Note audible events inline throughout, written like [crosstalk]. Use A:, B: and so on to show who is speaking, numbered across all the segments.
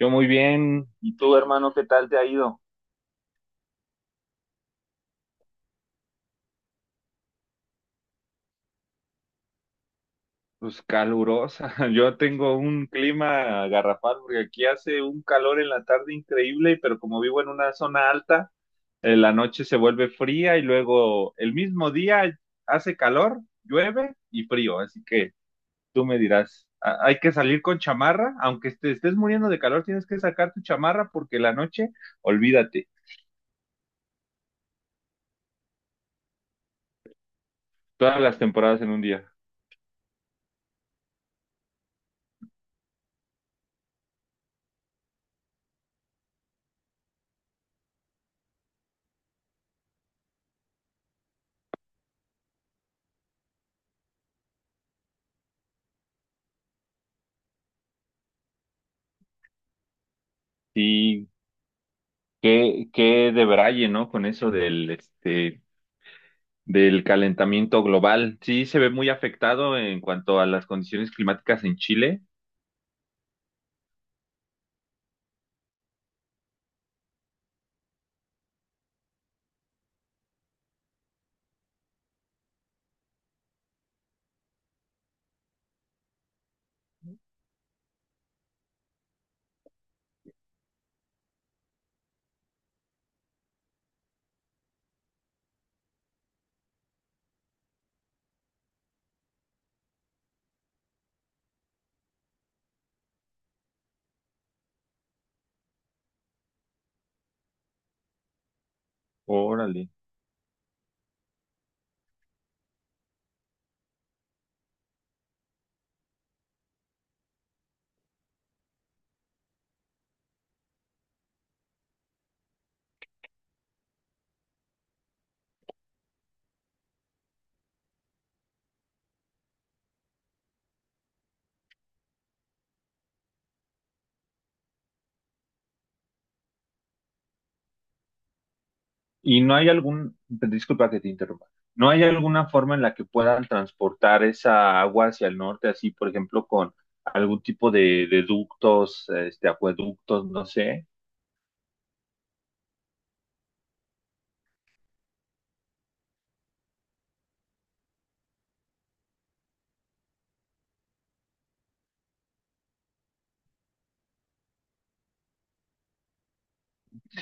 A: Yo muy bien. ¿Y tú, hermano, qué tal te ha ido? Pues calurosa. [laughs] Yo tengo un clima garrafal porque aquí hace un calor en la tarde increíble, pero como vivo en una zona alta, la noche se vuelve fría y luego el mismo día hace calor, llueve y frío. Así que tú me dirás, hay que salir con chamarra, aunque te estés muriendo de calor, tienes que sacar tu chamarra porque la noche, olvídate, todas las temporadas en un día. Sí. Qué de braille, ¿no? Con eso del calentamiento global. Sí, se ve muy afectado en cuanto a las condiciones climáticas en Chile. Órale. Y no hay algún, disculpa que te interrumpa, ¿no hay alguna forma en la que puedan transportar esa agua hacia el norte, así, por ejemplo, con algún tipo de ductos, acueductos, no sé?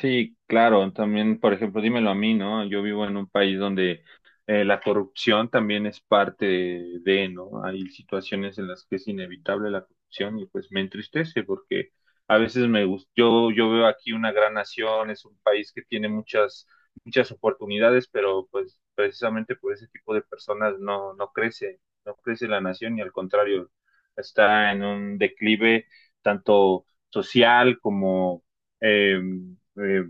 A: Sí, claro, también, por ejemplo, dímelo a mí, ¿no? Yo vivo en un país donde la corrupción también es parte de, ¿no? Hay situaciones en las que es inevitable la corrupción y pues me entristece porque a veces me gusta, yo veo aquí una gran nación, es un país que tiene muchas, muchas oportunidades, pero pues precisamente por ese tipo de personas no crece, no crece la nación y al contrario, está en un declive tanto social como eh, eh,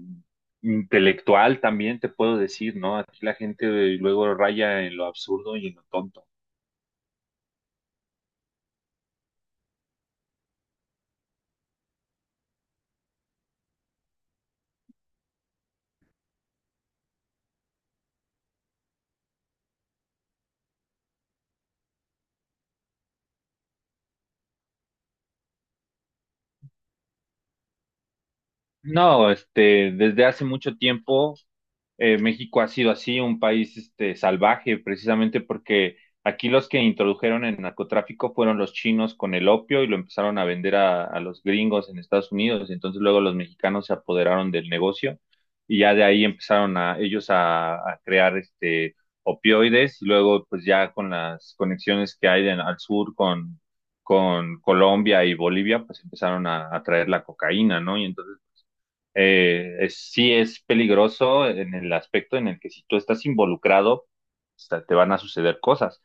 A: intelectual también, te puedo decir, ¿no? Aquí la gente luego raya en lo absurdo y en lo tonto. No, desde hace mucho tiempo México ha sido así, un país salvaje, precisamente porque aquí los que introdujeron el narcotráfico fueron los chinos con el opio y lo empezaron a vender a los gringos en Estados Unidos. Entonces luego los mexicanos se apoderaron del negocio y ya de ahí empezaron a ellos a crear opioides y luego pues ya con las conexiones que hay al sur con Colombia y Bolivia, pues empezaron a traer la cocaína, ¿no? Y entonces sí es peligroso en el aspecto en el que si tú estás involucrado, o te van a suceder cosas,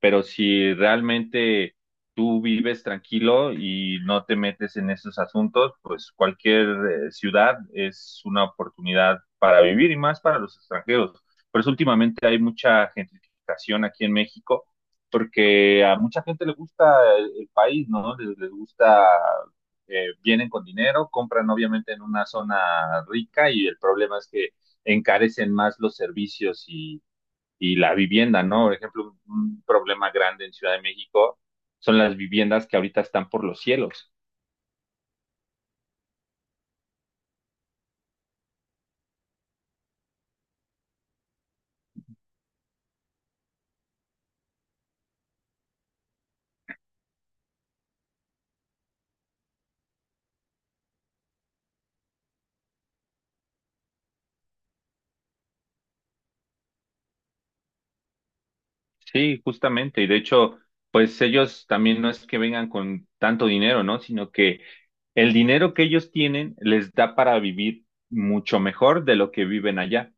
A: pero si realmente tú vives tranquilo y no te metes en esos asuntos, pues cualquier ciudad es una oportunidad para vivir y más para los extranjeros. Por eso últimamente hay mucha gentrificación aquí en México, porque a mucha gente le gusta el país, ¿no? Les gusta vienen con dinero, compran obviamente en una zona rica y el problema es que encarecen más los servicios y la vivienda, ¿no? Por ejemplo, un problema grande en Ciudad de México son las viviendas que ahorita están por los cielos. Sí, justamente. Y de hecho, pues ellos también no es que vengan con tanto dinero, ¿no? Sino que el dinero que ellos tienen les da para vivir mucho mejor de lo que viven allá.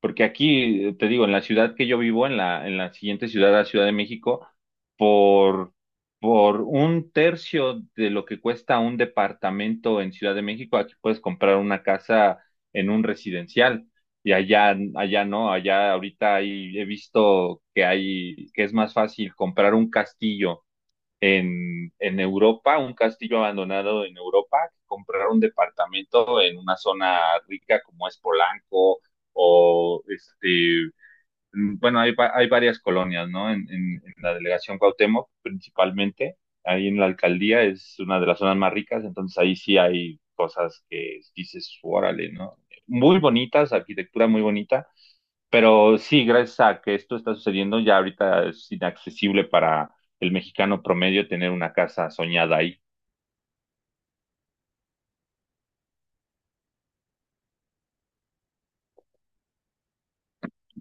A: Porque aquí, te digo, en la ciudad que yo vivo, en la siguiente ciudad, la Ciudad de México, por, por un tercio de lo que cuesta un departamento en Ciudad de México, aquí puedes comprar una casa en un residencial y allá, allá no, allá ahorita he visto que hay, que es más fácil comprar un castillo en Europa, un castillo abandonado en Europa, que comprar un departamento en una zona rica como es Polanco o bueno, hay, hay varias colonias, ¿no? En la delegación Cuauhtémoc, principalmente, ahí en la alcaldía es una de las zonas más ricas, entonces ahí sí hay cosas que dices, órale, ¿no? Muy bonitas, arquitectura muy bonita, pero sí, gracias a que esto está sucediendo, ya ahorita es inaccesible para el mexicano promedio tener una casa soñada ahí.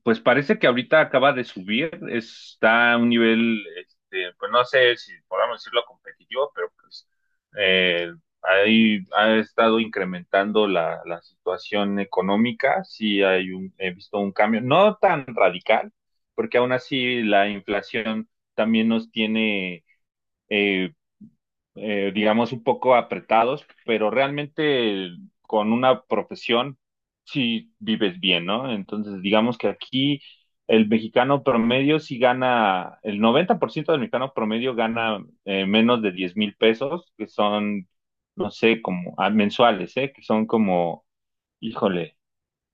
A: Pues parece que ahorita acaba de subir, está a un nivel, este, pues no sé si podamos decirlo competitivo, pero pues eh, ahí ha estado incrementando la situación económica, sí hay un, he visto un cambio, no tan radical, porque aún así la inflación también nos tiene eh, digamos, un poco apretados, pero realmente con una profesión sí vives bien, ¿no? Entonces, digamos que aquí el mexicano promedio sí gana, el 90% del mexicano promedio gana menos de 10,000 pesos, que son, no sé, como mensuales, ¿eh? Que son como, híjole,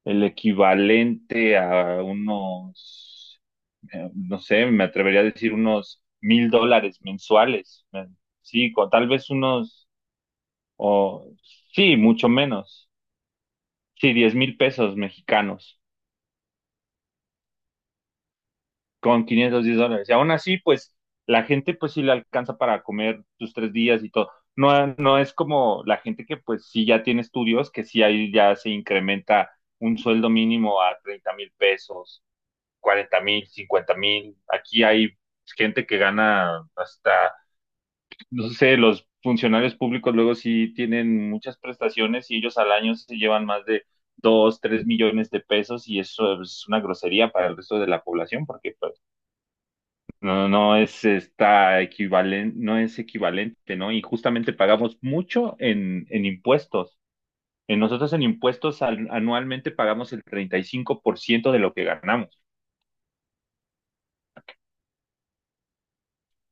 A: el equivalente a unos no sé, me atrevería a decir unos 1,000 dólares mensuales. Sí, con tal vez unos, o sí, mucho menos. Sí, 10,000 pesos mexicanos con 510 dólares. Y aún así, pues la gente pues sí le alcanza para comer tus 3 días y todo. No, no es como la gente que pues sí ya tiene estudios, que sí ahí ya se incrementa un sueldo mínimo a 30,000 pesos, 40,000, 50,000. Aquí hay gente que gana hasta no sé, los funcionarios públicos luego sí tienen muchas prestaciones y ellos al año se llevan más de dos, tres millones de pesos y eso es una grosería para el resto de la población porque pues, no es está equivalente, no es equivalente, ¿no? Y justamente pagamos mucho en impuestos. En nosotros en impuestos anualmente pagamos el 35% de lo que ganamos.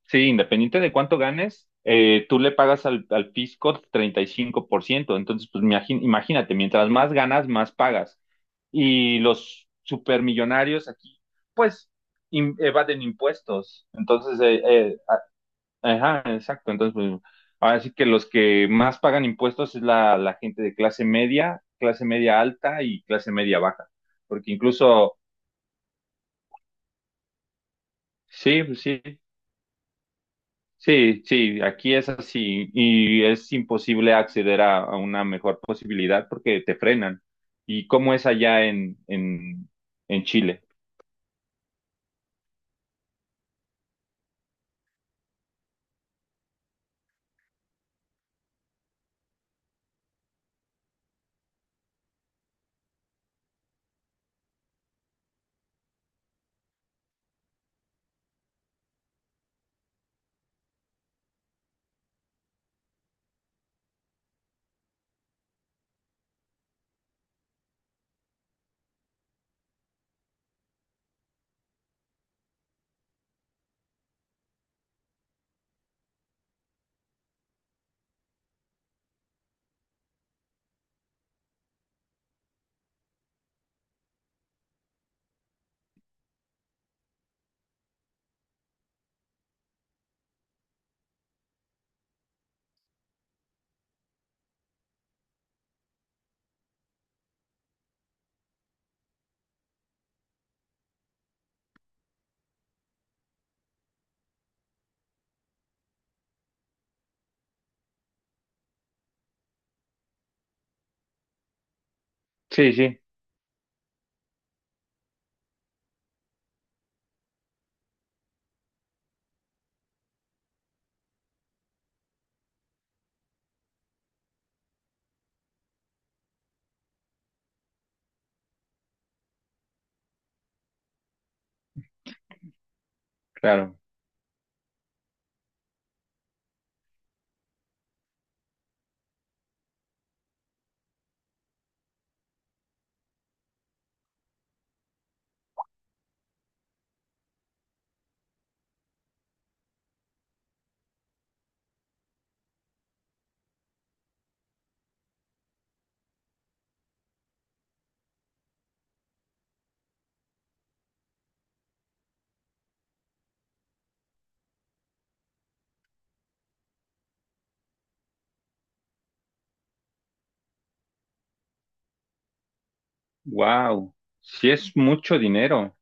A: Sí, independiente de cuánto ganes, tú le pagas al fisco 35%. Entonces, pues imagínate, mientras más ganas, más pagas. Y los supermillonarios aquí, pues, evaden impuestos. Entonces, ajá, exacto. Entonces, pues, ahora sí que los que más pagan impuestos es la gente de clase media alta y clase media baja. Porque incluso, sí, pues, sí. Sí, sí, aquí es así y es imposible acceder a una mejor posibilidad porque te frenan. ¿Y cómo es allá en Chile? Sí, sí, claro. Wow, sí es mucho dinero.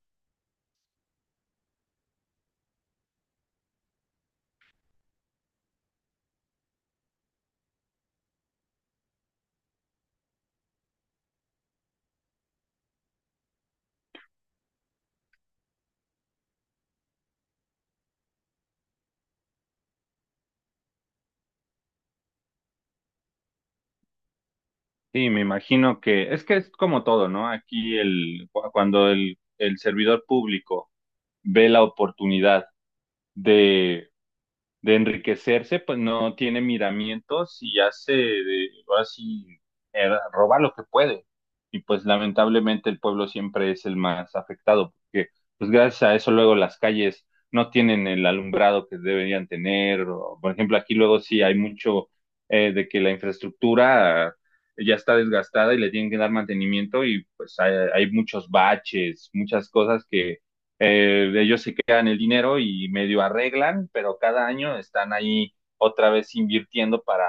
A: Sí, me imagino que es como todo, ¿no? Aquí cuando el servidor público ve la oportunidad de enriquecerse, pues no tiene miramientos y hace de, así, roba lo que puede. Y pues lamentablemente el pueblo siempre es el más afectado, porque pues gracias a eso luego las calles no tienen el alumbrado que deberían tener. O, por ejemplo, aquí luego sí hay mucho de que la infraestructura ya está desgastada y le tienen que dar mantenimiento y pues hay muchos baches, muchas cosas que ellos se quedan el dinero y medio arreglan, pero cada año están ahí otra vez invirtiendo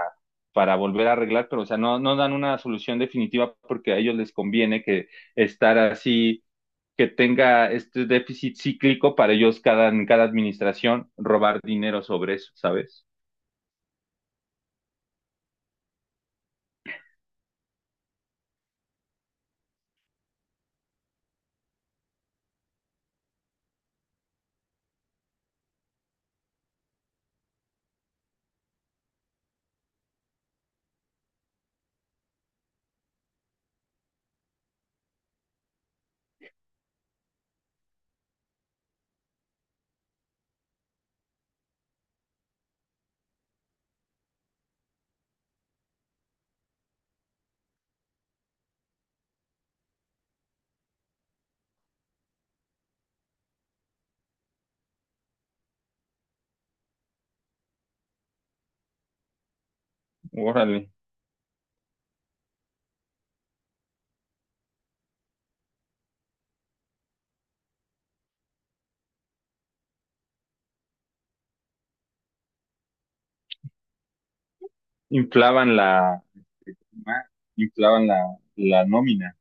A: para volver a arreglar, pero o sea, no dan una solución definitiva porque a ellos les conviene que estar así, que tenga este déficit cíclico para ellos cada, en cada administración robar dinero sobre eso, ¿sabes? Órale, inflaban la, inflaban la, la nómina.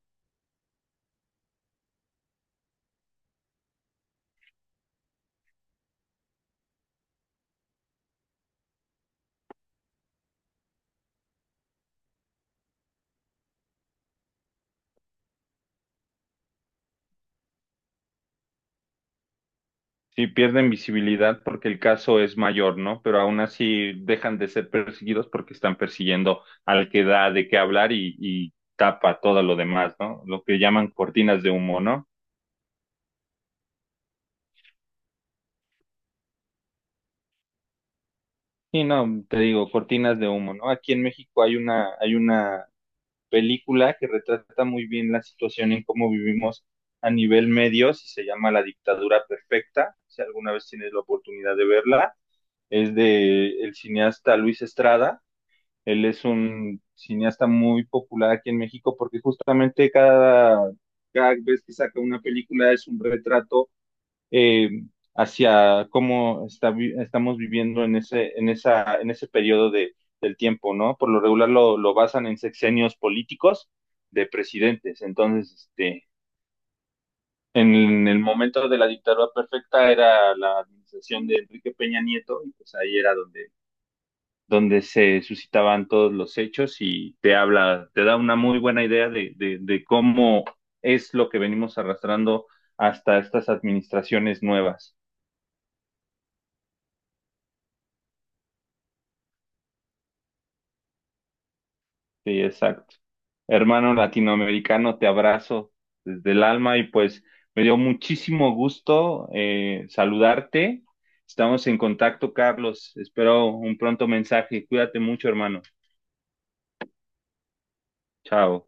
A: Sí, pierden visibilidad porque el caso es mayor, ¿no? Pero aún así dejan de ser perseguidos porque están persiguiendo al que da de qué hablar y tapa todo lo demás, ¿no? Lo que llaman cortinas de humo, ¿no? Y no, te digo, cortinas de humo, ¿no? Aquí en México hay una película que retrata muy bien la situación en cómo vivimos a nivel medios y se llama La Dictadura Perfecta. Si alguna vez tienes la oportunidad de verla, es de el cineasta Luis Estrada. Él es un cineasta muy popular aquí en México porque justamente cada, cada vez que saca una película es un retrato eh, hacia cómo está, estamos viviendo en ese, en esa, en ese periodo de, del tiempo, ¿no? Por lo regular lo basan en sexenios políticos de presidentes. Entonces, este, en el momento de la dictadura perfecta era la administración de Enrique Peña Nieto y pues ahí era donde se suscitaban todos los hechos y te habla, te da una muy buena idea de cómo es lo que venimos arrastrando hasta estas administraciones nuevas. Sí, exacto. Hermano latinoamericano, te abrazo desde el alma y pues me dio muchísimo gusto saludarte. Estamos en contacto, Carlos. Espero un pronto mensaje. Cuídate mucho, hermano. Chao.